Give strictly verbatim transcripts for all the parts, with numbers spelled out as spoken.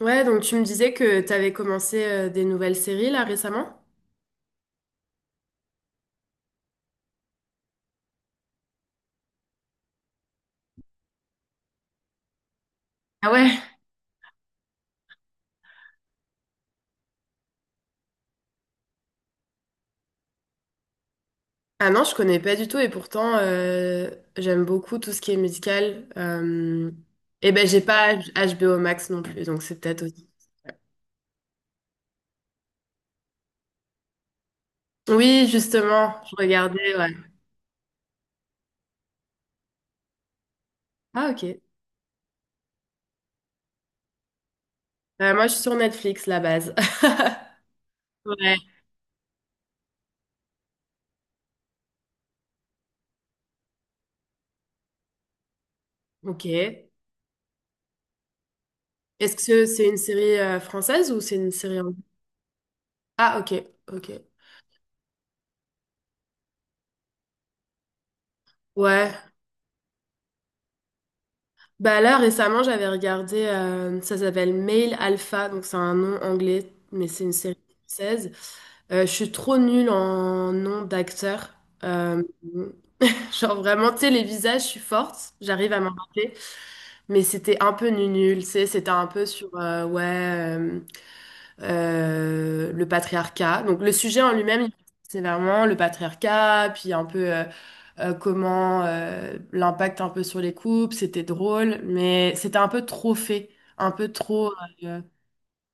Ouais, donc tu me disais que t'avais commencé euh, des nouvelles séries là récemment? Ah ouais? Ah non, je connais pas du tout et pourtant euh, J'aime beaucoup tout ce qui est musical. Euh, Et ben j'ai pas H B O Max non plus, donc c'est peut-être aussi. Oui, justement, je regardais, ouais. Ah ok. Euh, moi je suis sur Netflix, la base. Ouais, ok. Est-ce que c'est une série euh, française ou c'est une série anglaise? Ah ok, ok. Ouais. Bah là, récemment, j'avais regardé, euh, ça s'appelle Male Alpha, donc c'est un nom anglais, mais c'est une série française. Euh, je suis trop nulle en nom d'acteur. Euh, genre vraiment, tu sais, les visages, je suis forte, j'arrive à m'en rappeler, mais c'était un peu nul, nul, tu sais, c'était un peu sur, euh, ouais, euh, euh, le patriarcat. Donc le sujet en lui-même, c'est vraiment le patriarcat, puis un peu euh, euh, comment euh, l'impact un peu sur les couples, c'était drôle, mais c'était un peu trop fait, un peu trop... euh,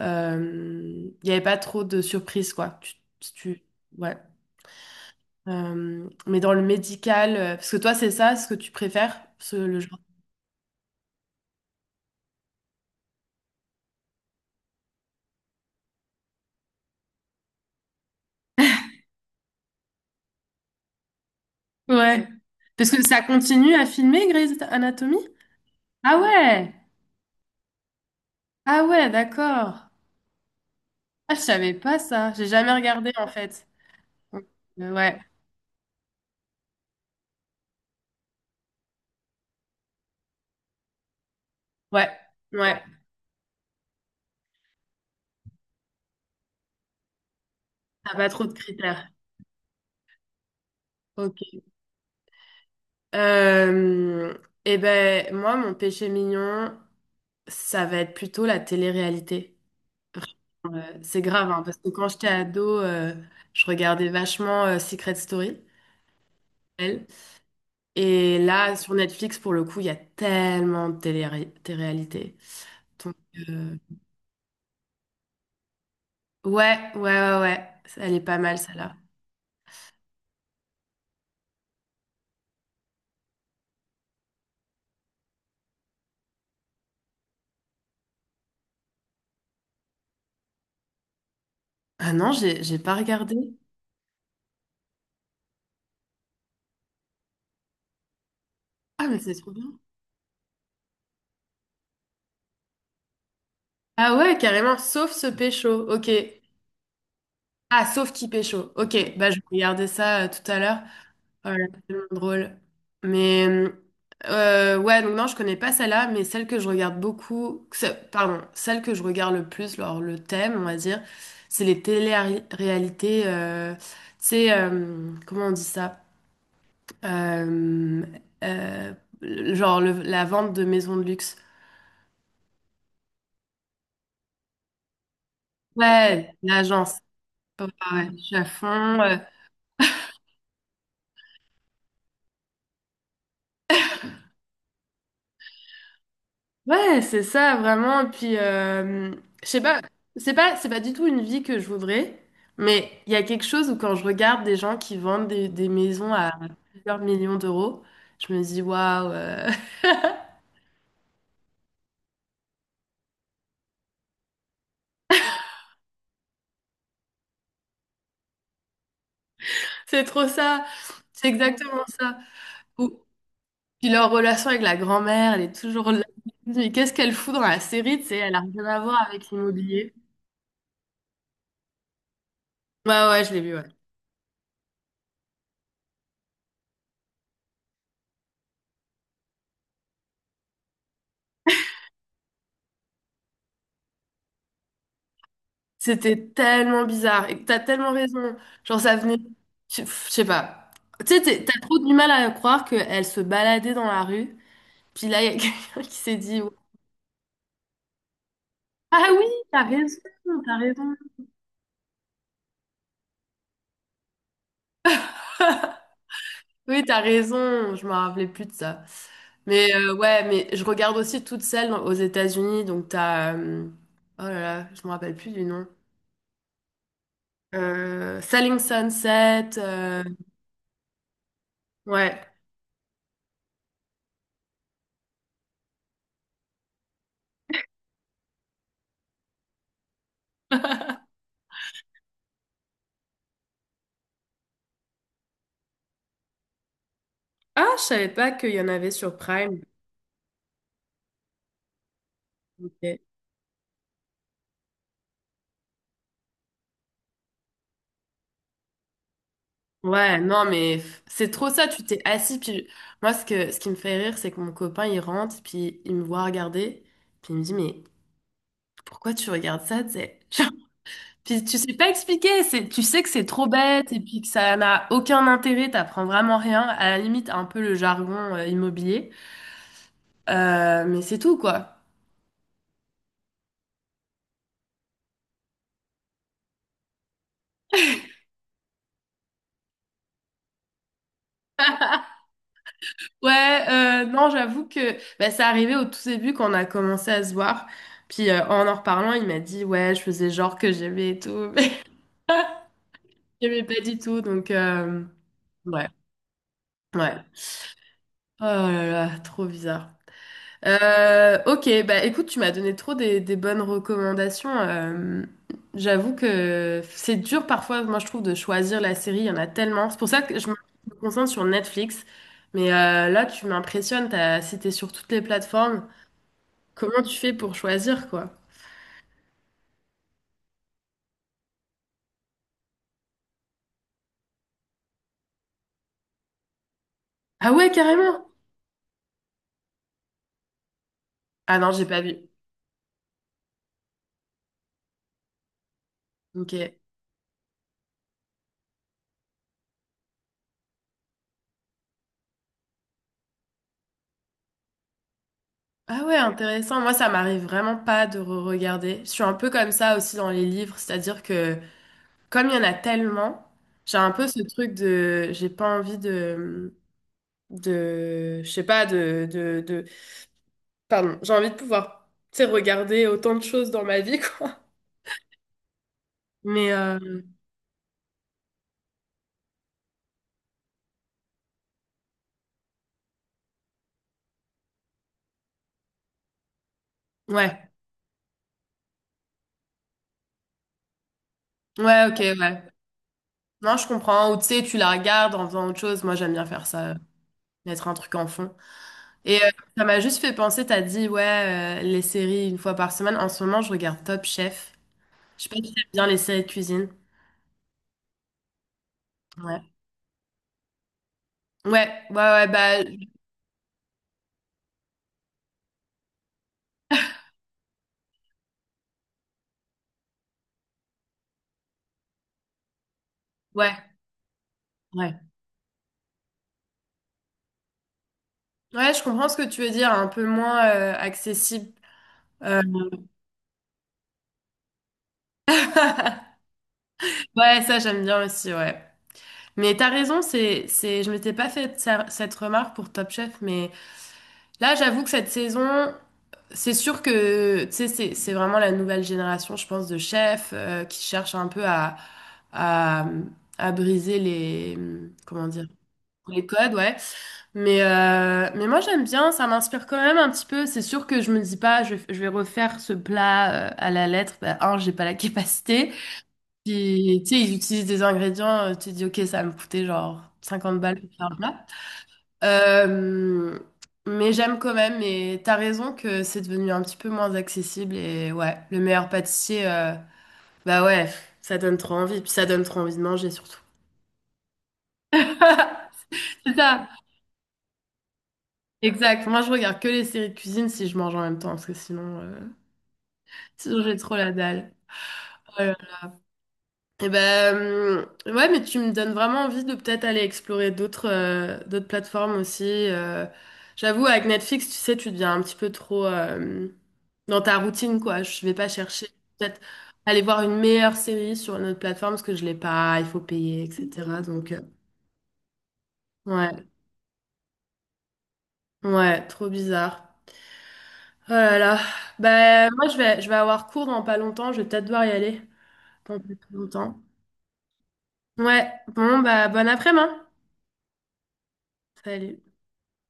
euh, Il n'y avait pas trop de surprises, quoi. Tu, si tu- ouais. Euh, mais dans le médical, euh, parce que toi, c'est ça ce que tu préfères, ce, le genre. Ouais. Parce que ça continue à filmer Grey's Anatomy? Ah ouais! Ah ouais, d'accord. Ah, je savais pas ça. J'ai jamais regardé en fait. Euh, ouais, ouais, ouais. T'as pas trop de critères. Ok. Euh, eh ben, moi, mon péché mignon, ça va être plutôt la télé-réalité. Vraiment, euh, c'est grave, hein, parce que quand j'étais ado, euh, Je regardais vachement euh, Secret Story. Elle. Et là, sur Netflix, pour le coup, il y a tellement de télé- télé-réalité. Donc, euh, ouais, ouais, ouais, ouais. Elle est pas mal, celle-là. Ah non, j'ai j'ai pas regardé. Ah, mais c'est trop bien. Ah ouais, carrément, sauf ce pécho. Ok. Ah, sauf qui pécho. Ok, bah je vais regarder ça euh, tout à l'heure. Voilà, c'est tellement drôle. Mais euh, euh, ouais, donc non, je connais pas celle-là, mais celle que je regarde beaucoup, ce- pardon, celle que je regarde le plus, alors le thème, on va dire, c'est les télé-réalités. Euh, tu sais, euh, comment on dit ça? Euh, euh, genre le- la vente de maisons de luxe. Ouais, l'agence. Ouais, ouais, je suis à fond. euh, Ouais, c'est ça, vraiment. Puis, euh, je sais pas, c'est pas, c'est pas du tout une vie que je voudrais, mais il y a quelque chose où quand je regarde des gens qui vendent des, des maisons à plusieurs millions d'euros, je me dis, waouh, euh, c'est trop ça, c'est exactement ça. Ou, puis leur relation avec la grand-mère, elle est toujours là. Mais qu'est-ce qu'elle fout dans la série, tu sais, elle a rien à voir avec l'immobilier. Ouais, ouais, je l'ai vu, ouais. C'était tellement bizarre. Et t'as tellement raison. Genre, ça venait. Je pff, je sais pas. Tu sais, t'es- t'as trop du mal à croire qu'elle se baladait dans la rue. Puis là, il y a quelqu'un qui s'est dit, Ah oui, t'as raison, t'as raison. Oui, t'as raison. Je me rappelais plus de ça. Mais euh, ouais, mais je regarde aussi toutes celles dans- aux États-Unis. Donc, t'as. Euh, oh là là, je me rappelle plus du nom. Euh, Selling Sunset. euh, ouais. Ah, je savais pas qu'il y en avait sur Prime. Ok. Ouais, non, mais f- c'est trop ça, tu t'es assis, puis moi, ce que, ce qui me fait rire, c'est que mon copain, il rentre, puis il me voit regarder, puis il me dit, mais pourquoi tu regardes ça, tu sais? Genre, puis tu sais pas expliquer, c'est, tu sais que c'est trop bête, et puis que ça n'a aucun intérêt, t'apprends vraiment rien, à la limite, un peu le jargon euh, immobilier. Euh, mais c'est tout, quoi. Ouais, euh, non, j'avoue que bah, c'est arrivé au tout début quand on a commencé à se voir. Puis euh, en en reparlant, il m'a dit, ouais, je faisais genre que j'aimais et tout. J'aimais pas du tout, donc euh, ouais, ouais. Oh là là, trop bizarre. Euh, ok, bah écoute, tu m'as donné trop des, des bonnes recommandations. Euh, j'avoue que c'est dur parfois, moi je trouve, de choisir la série, il y en a tellement. C'est pour ça que je me je me concentre sur Netflix. Mais euh, là, tu m'impressionnes, t'as cité sur toutes les plateformes. Comment tu fais pour choisir, quoi? Ah ouais, carrément! Ah non, j'ai pas vu. Ok. Ah ouais, intéressant. Moi, ça m'arrive vraiment pas de re-regarder. Je suis un peu comme ça aussi dans les livres, c'est-à-dire que comme il y en a tellement, j'ai un peu ce truc de, j'ai pas envie de, de, je sais pas, de, de, de, pardon, j'ai envie de pouvoir, tu sais, regarder autant de choses dans ma vie, quoi. Mais euh, ouais, ouais, ok, ouais. Non, je comprends. Ou tu sais, tu la regardes en faisant autre chose. Moi, j'aime bien faire ça, mettre un truc en fond. Et euh, ça m'a juste fait penser, t'as dit, ouais, euh, les séries une fois par semaine. En ce moment, je regarde Top Chef. Je sais pas si t'aimes bien les séries de cuisine. Ouais. Ouais, ouais, ouais, bah, ouais, ouais. Ouais, je comprends ce que tu veux dire, un peu moins euh, accessible. Euh, ouais, ça, j'aime bien aussi, ouais. Mais t'as raison, c'est, c'est, je m'étais pas fait ça- cette remarque pour Top Chef, mais là, j'avoue que cette saison, c'est sûr que tu sais, c'est c'est vraiment la nouvelle génération, je pense, de chefs euh, qui cherchent un peu à, à, à briser les comment dire les codes, ouais. Mais euh, mais moi j'aime bien, ça m'inspire quand même un petit peu. C'est sûr que je me dis pas, je, je vais refaire ce plat euh, à la lettre. Bah, un, j'ai pas la capacité. Puis tu sais, ils utilisent des ingrédients. euh, Tu te dis ok, ça va me coûter genre cinquante balles pour faire un plat. Euh, mais j'aime quand même, et t'as raison que c'est devenu un petit peu moins accessible. Et ouais, le meilleur pâtissier, euh, bah ouais, ça donne trop envie. Puis ça donne trop envie de manger surtout. C'est ça, exact. Moi, je regarde que les séries de cuisine si je mange en même temps, parce que sinon, euh, sinon j'ai trop la dalle. Euh, Et ben, euh, ouais, mais tu me donnes vraiment envie de peut-être aller explorer d'autres euh, d'autres plateformes aussi. euh. J'avoue, avec Netflix, tu sais, tu deviens un petit peu trop euh, dans ta routine, quoi. Je vais pas chercher peut-être aller voir une meilleure série sur une autre plateforme parce que je l'ai pas, il faut payer, et cetera. Donc, euh, ouais, ouais, trop bizarre. Oh là là. Ben, moi, je vais, je vais avoir cours dans pas longtemps. Je vais peut-être devoir y aller dans pas plus longtemps. Ouais, bon, bah, bon après-midi. Salut.